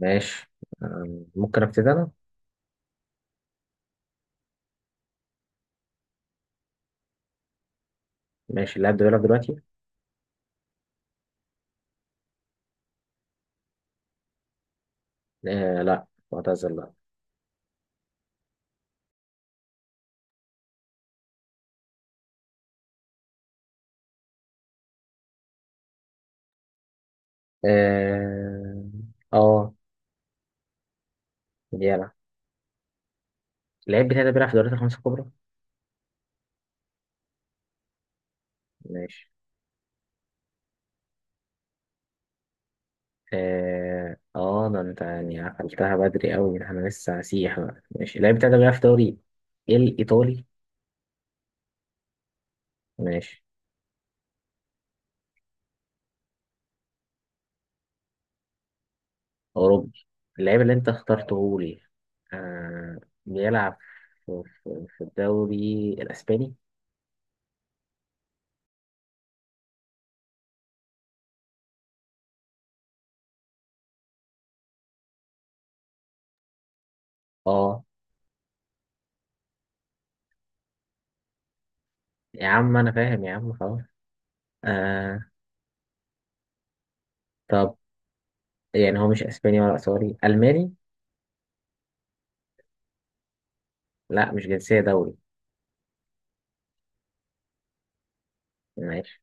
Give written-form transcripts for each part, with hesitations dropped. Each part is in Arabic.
ماشي. ممكن ابتدي انا. ماشي، اللاعب ده بيلعب دلوقتي؟ آه لا، معتزل لا. اه اه، بيلعب. اللاعب بتاعي ده بيلعب في الدوريات الخمسة الكبرى. ماشي. اه اه، ده انت يعني عقلتها بدري قوي، ده انا لسه هسيح بقى. ماشي، اللاعب بتاعي ده بيلعب في دوري الايطالي. ماشي، اوروبي. اللاعب اللي انت اخترته لي آه بيلعب في الدوري الاسباني. اه، يا عم انا فاهم يا عم خلاص. آه. طب يعني هو مش اسباني ولا ايطالي، الماني؟ لا مش جنسيه، دولي؟ ماشي.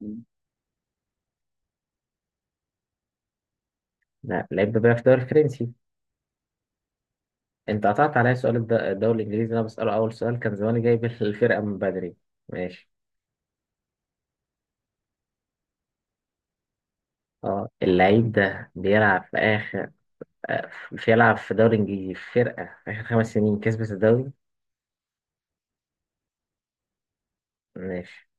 مم. لا، لعيب بيلعب في الدوري الفرنسي. انت قطعت عليا سؤال الدوري الانجليزي، اللي انا بساله اول سؤال كان زماني جايب الفرقه من بدري. ماشي. اه اللعيب ده بيلعب في اخر، آه، بيلعب في دوري انجليزي، في فرقه في اخر 5 سنين كسبت الدوري. ماشي.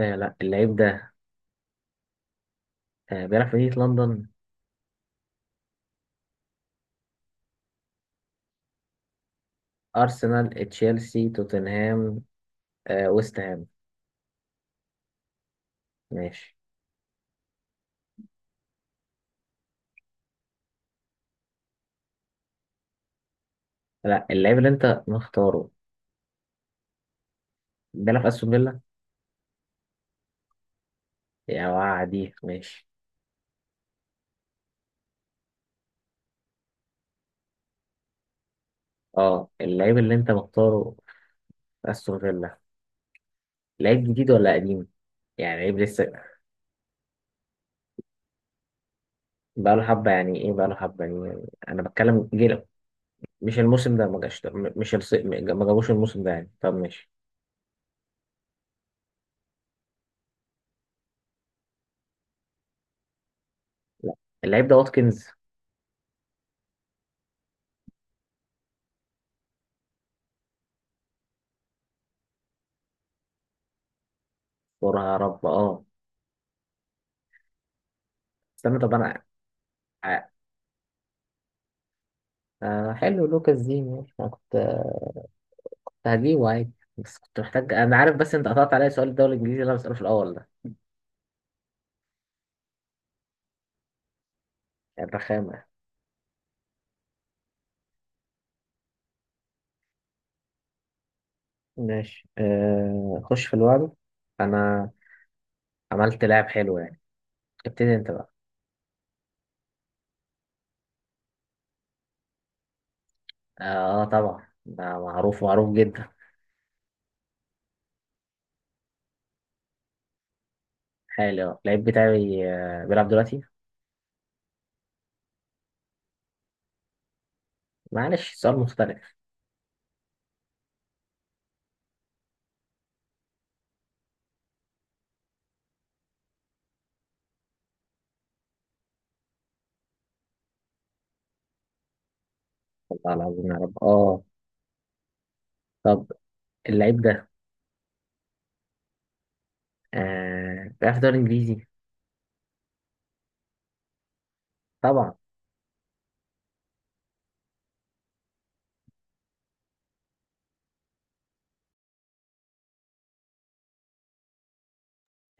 آه لا، اللعيب ده بيلعب في مدينه لندن. ارسنال، تشيلسي، توتنهام. آه ويست هام. ماشي. لا، اللعيب اللي انت مختاره بيلعب في استون فيلا. يا وعدي ماشي. اه، اللعيب اللي انت مختاره في استون فيلا. لعيب جديد ولا قديم؟ يعني لعيب لسه؟ بقاله حبه يعني ايه؟ بقاله حبه يعني انا بتكلم جيل. مش الموسم ده ما جاش ده، م- مش الص... م- ما جابوش الموسم ده يعني. طب ماشي، اللعيب ده واتكنز. يا رب اه. استنى، طب انا ع- آه حلو، لوكاس دي. ماشي، انا كنت هجيبه عادي. بس كنت محتاج، انا عارف، بس انت قطعت عليا سؤال الدوري الانجليزي اللي انا بساله في الاول ده. يعني الرخامه. ماشي. خش في الوعد. انا عملت لعب حلو يعني. ابتدي انت بقى. اه. آه طبعا، ده معروف معروف جدا. حالي اه، اللعيب بتاعي بيلعب دلوقتي. معلش، سؤال مختلف. والله العظيم يا رب اه. طب اللعيب ده بيلعب في الدوري الانجليزي؟ طبعا.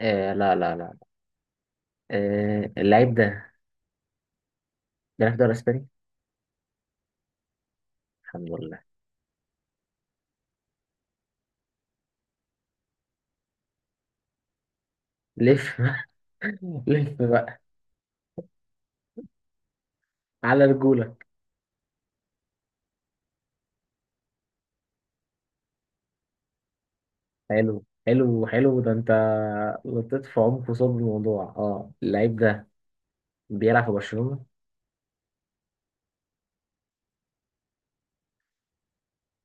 آه لا لا لا. آه اللعيب ده بيلعب في الدوري الاسباني. الحمد لله. لف بقى. لف بقى. على رجولك. حلو حلو حلو، ده انت لطيت في عمق صلب الموضوع. اه اللعيب ده بيلعب في برشلونة.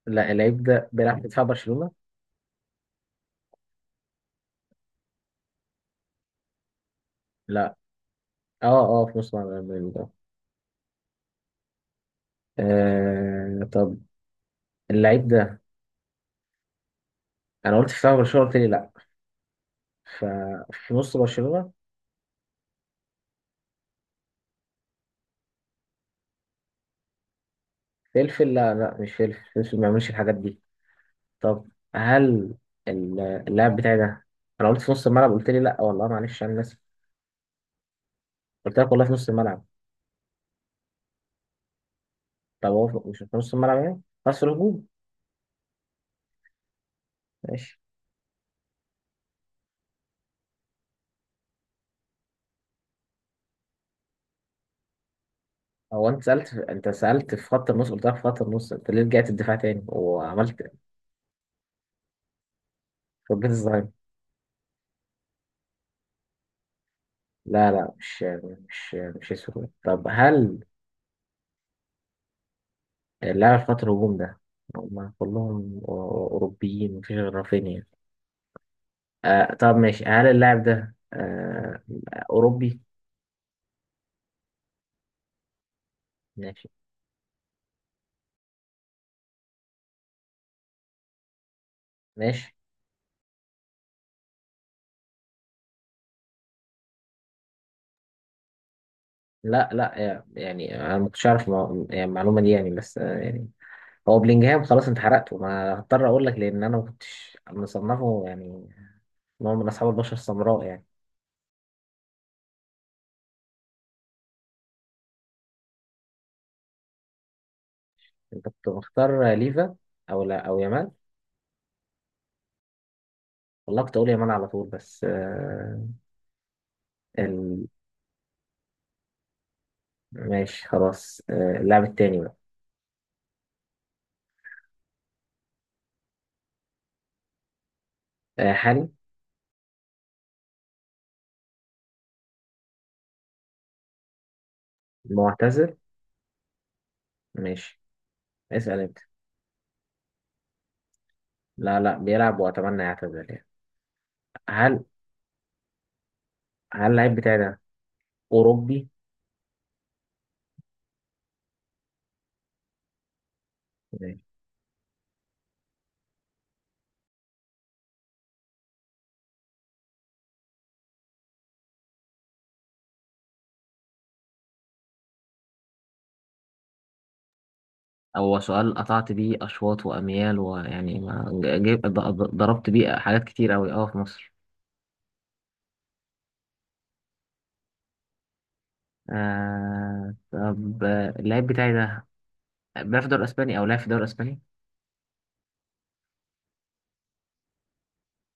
لا، اللعيب ده بيلعب في دفاع برشلونة. لا. اه اه، في نص ملعب ريال مدريد اه. طب اللعيب ده، انا قلت في فاول برشلونه قلت لي لا، ففي نص برشلونه. فلفل لا لا، مش فلفل، فلفل ما بيعملش الحاجات دي. طب هل ال- اللاعب بتاعي ده، انا قلت في نص الملعب قلت لي لا. والله معلش انا ناسي. قلت لك والله في نص الملعب. طب هو مش في نص الملعب يعني، خلاص الهجوم. ماشي. هو انت سالت انت سالت في خط النص، قلت لك في خط النص. انت ليه رجعت الدفاع تاني وعملت، فجيت الظهير. لا لا، مش اسود. طب هل اللاعب في خط الهجوم ده هم كلهم أوروبيين، مفيش غير رافينيا. آه طب ماشي، هل اللاعب ده أوروبي؟ ماشي ماشي. لا لا، يعني أنا ما كنتش أعرف يعني المعلومة دي يعني، بس يعني هو بلينجهام، خلاص أنت حرقته، ما هضطر أقول لك، لأن أنا ما كنتش مصنفه يعني إن هو من أصحاب البشرة السمراء يعني. أنت كنت مختار ليفا، أو لا أو يامال. والله كنت أقول يامال على طول، بس ال... ماشي خلاص. اللاعب التاني بقى. آه حالي. معتزل؟ ماشي. اسأل انت. لا لا، بيلعب واتمنى يعتزل يعني. هل هل اللعيب بتاعي ده اوروبي؟ ماشي. هو سؤال قطعت بيه أشواط وأميال، ويعني ما جيب ضربت بيه حاجات كتير أوي أه في مصر. آه طب، اللاعب بتاعي ده بيلعب في الدوري الأسباني، أو لعب في الدوري الأسباني.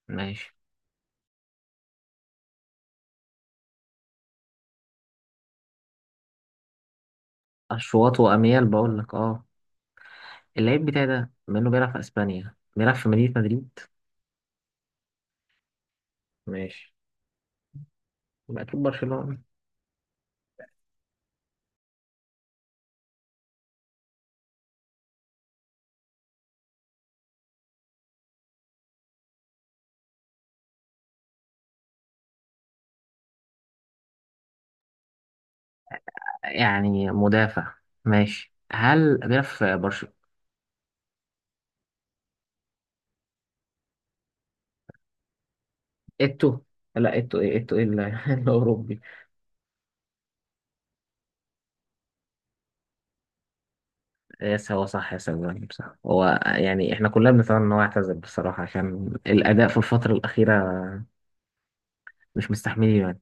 ماشي. أشواط وأميال بقول لك أه. اللاعب بتاعي ده بما إنه بيلعب في أسبانيا، بيلعب في مدينة مدريد. ماشي. يبقى اكيد برشلونة. يعني مدافع. ماشي، هل بيلعب في برشلونة؟ اتو. لا اتو ايه، اتو ايه الاوروبي. إيه، هو صح، يا سلام صح. هو يعني احنا كلنا بنتمنى ان هو يعتزل بصراحة، عشان الاداء في الفترة الاخيرة مش مستحملين يعني.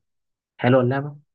حلوة اللعبة.